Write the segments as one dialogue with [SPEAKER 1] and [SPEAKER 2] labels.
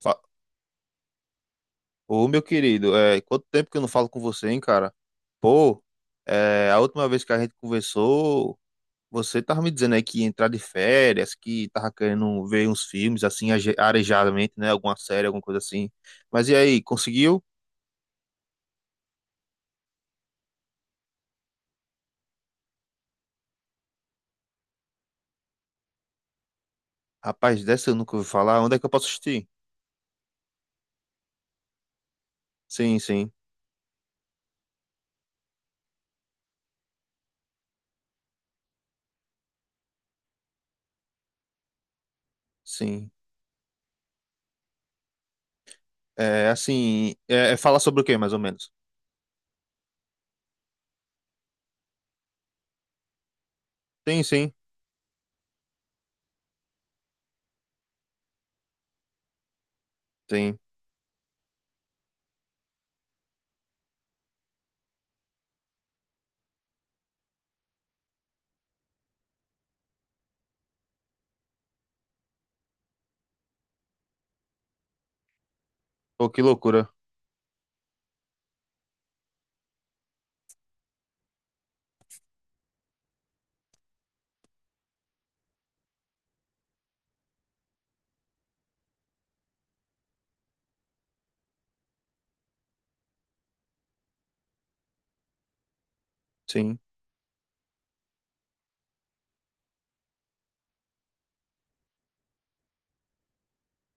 [SPEAKER 1] Fa- Ô, meu querido, quanto tempo que eu não falo com você, hein, cara? Pô, a última vez que a gente conversou, você tava me dizendo aí que ia entrar de férias, que tava querendo ver uns filmes, assim, arejadamente, né? Alguma série, alguma coisa assim. Mas e aí, conseguiu? Rapaz, dessa eu nunca ouvi falar. Onde é que eu posso assistir? Sim, sim, sim. É, assim, é falar sobre o quê, mais ou menos? Sim, sim, sim. Pô, que loucura. Sim.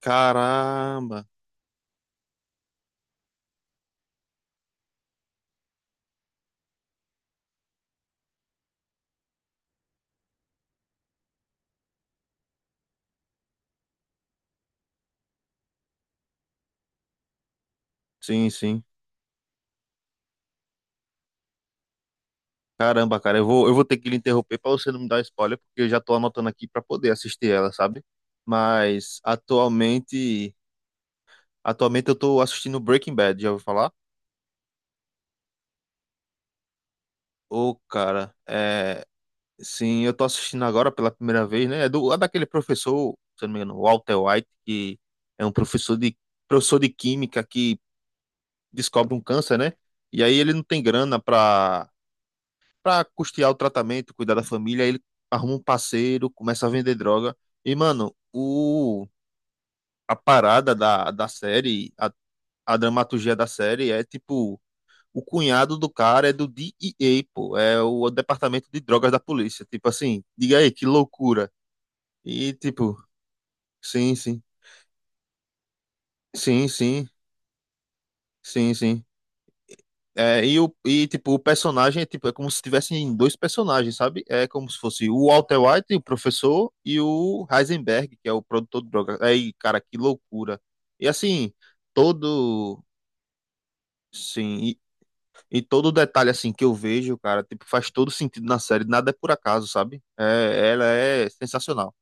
[SPEAKER 1] Caramba. Sim, sim. Caramba, cara, eu vou ter que lhe interromper para você não me dar spoiler, porque eu já tô anotando aqui para poder assistir ela, sabe? Mas atualmente, atualmente eu tô assistindo Breaking Bad, já ouviu falar? Ô, cara, sim, eu tô assistindo agora pela primeira vez, né? É daquele professor, se eu não me engano, Walter White, que é um professor de química que descobre um câncer, né? E aí ele não tem grana para custear o tratamento, cuidar da família, ele arruma um parceiro, começa a vender droga. E, mano, a parada da série, a dramaturgia da série é tipo. O cunhado do cara é do DEA, pô. É o departamento de drogas da polícia. Tipo assim, diga aí, que loucura. E tipo, sim, sim. Sim, sim. Sim, sim. Tipo, o personagem é, tipo, é como se tivessem dois personagens, sabe? É como se fosse o Walter White, o professor, e o Heisenberg, que é o produtor de drogas. Aí, cara, que loucura. E assim, todo. Sim, e todo detalhe assim que eu vejo, cara, tipo, faz todo sentido na série. Nada é por acaso, sabe? É, ela é sensacional.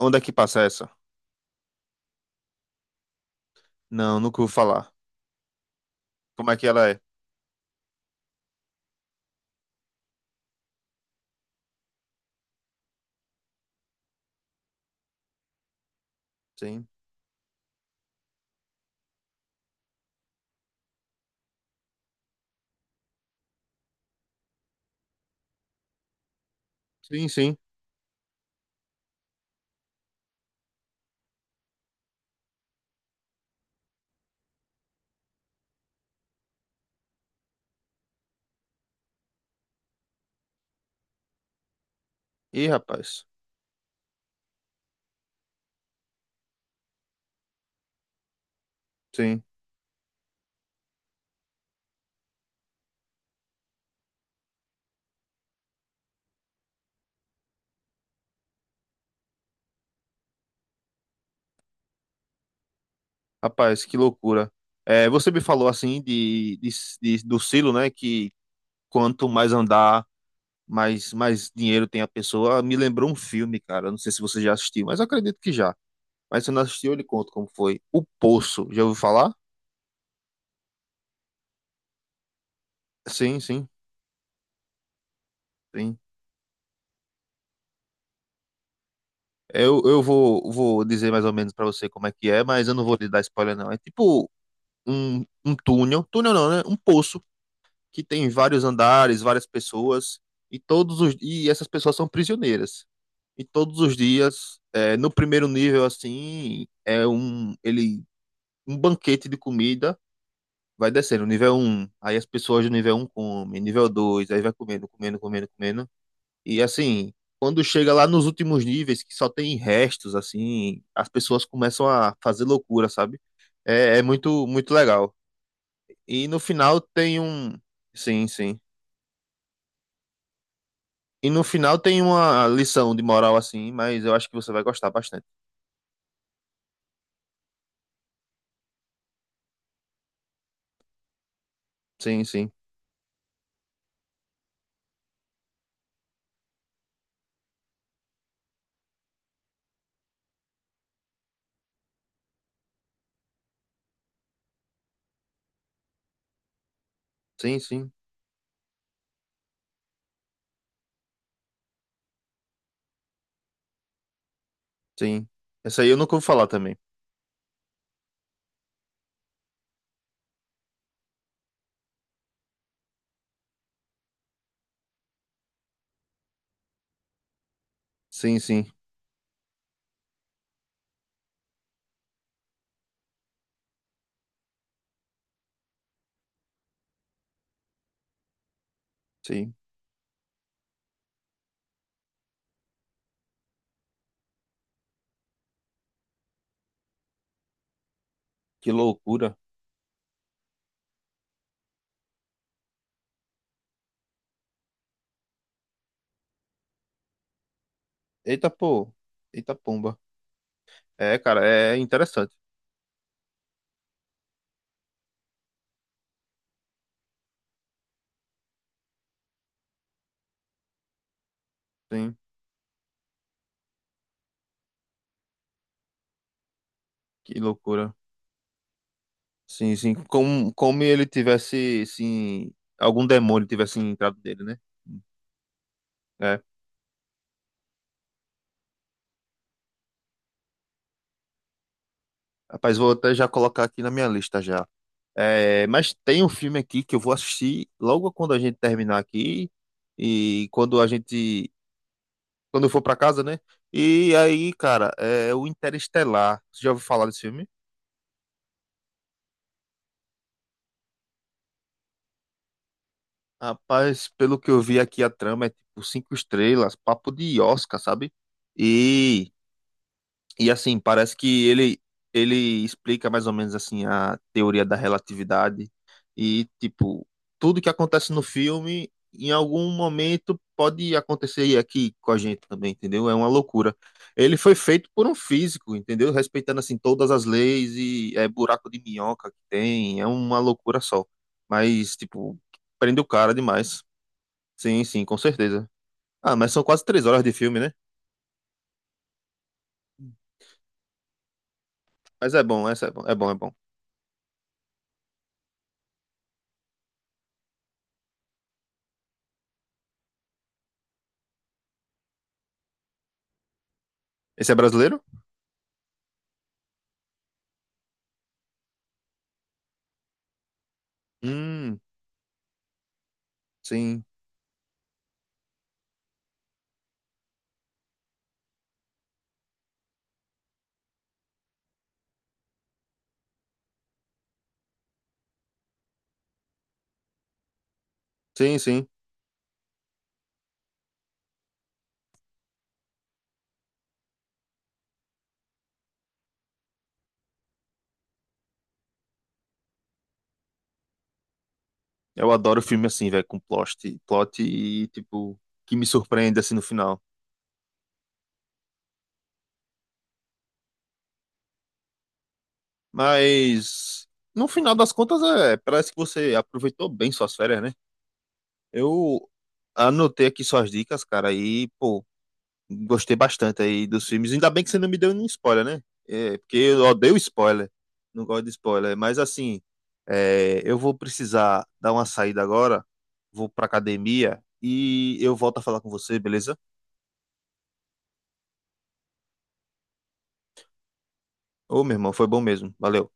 [SPEAKER 1] Onde é que passa essa? Não, nunca vou falar. Como é que ela é? Sim. Sim, sim. Ih, rapaz. Sim. Rapaz, que loucura. É, você me falou assim do silo, né? Que quanto mais andar, mais dinheiro tem a pessoa. Me lembrou um filme, cara. Eu Não sei se você já assistiu, mas eu acredito que já. Mas se não assistiu, eu lhe conto como foi. O Poço, já ouviu falar? Sim, sim, sim. Vou dizer mais ou menos pra você como é que é, mas eu não vou lhe dar spoiler, não. É tipo um túnel. Túnel não, né? Um poço que tem vários andares, várias pessoas, e todos os e essas pessoas são prisioneiras. E todos os dias, é, no primeiro nível assim, é um ele um banquete de comida vai descendo, nível um aí as pessoas do nível um comem, nível 2 aí vai comendo, comendo, comendo, comendo. E assim, quando chega lá nos últimos níveis, que só tem restos, assim, as pessoas começam a fazer loucura, sabe? É, é muito, muito legal. E no final tem um. Sim, sim. E no final tem uma lição de moral assim, mas eu acho que você vai gostar bastante. Sim, sim. Sim, sim. Sim. Essa aí eu nunca ouvi falar também. Sim, sim. Sim. Que loucura. Eita, pô. Eita, pomba. É, cara, é interessante. Sim. Que loucura. Sim, sim. Como ele tivesse, sim, algum demônio tivesse entrado dele, né? É. Rapaz, vou até já colocar aqui na minha lista já. É, mas tem um filme aqui que eu vou assistir logo quando a gente terminar aqui e quando a gente, quando eu for pra casa, né? E aí, cara, é o Interestelar. Você já ouviu falar desse filme? Rapaz, pelo que eu vi aqui a trama é tipo cinco estrelas, papo de Oscar, sabe? E assim, parece que ele explica mais ou menos assim a teoria da relatividade e tipo, tudo que acontece no filme em algum momento pode acontecer aqui com a gente também, entendeu? É uma loucura. Ele foi feito por um físico, entendeu? Respeitando assim todas as leis e é buraco de minhoca que tem, é uma loucura só. Mas tipo, prende o cara demais. Sim, sim, com certeza. Ah, mas são quase 3 horas de filme, né? Mas é bom, essa é bom, é bom, é bom. Esse é brasileiro? Hum, Sim, sim, sim. Eu adoro filme assim, velho, com plot e, tipo, que me surpreende assim no final. Mas, no final das contas, é, parece que você aproveitou bem suas férias, né? Eu anotei aqui suas dicas, cara, e, pô, gostei bastante aí dos filmes. Ainda bem que você não me deu nenhum spoiler, né? É, porque eu odeio spoiler, não gosto de spoiler. Mas, assim, é, eu vou precisar dar uma saída agora, vou pra academia e eu volto a falar com você, beleza? Ô, meu irmão, foi bom mesmo. Valeu.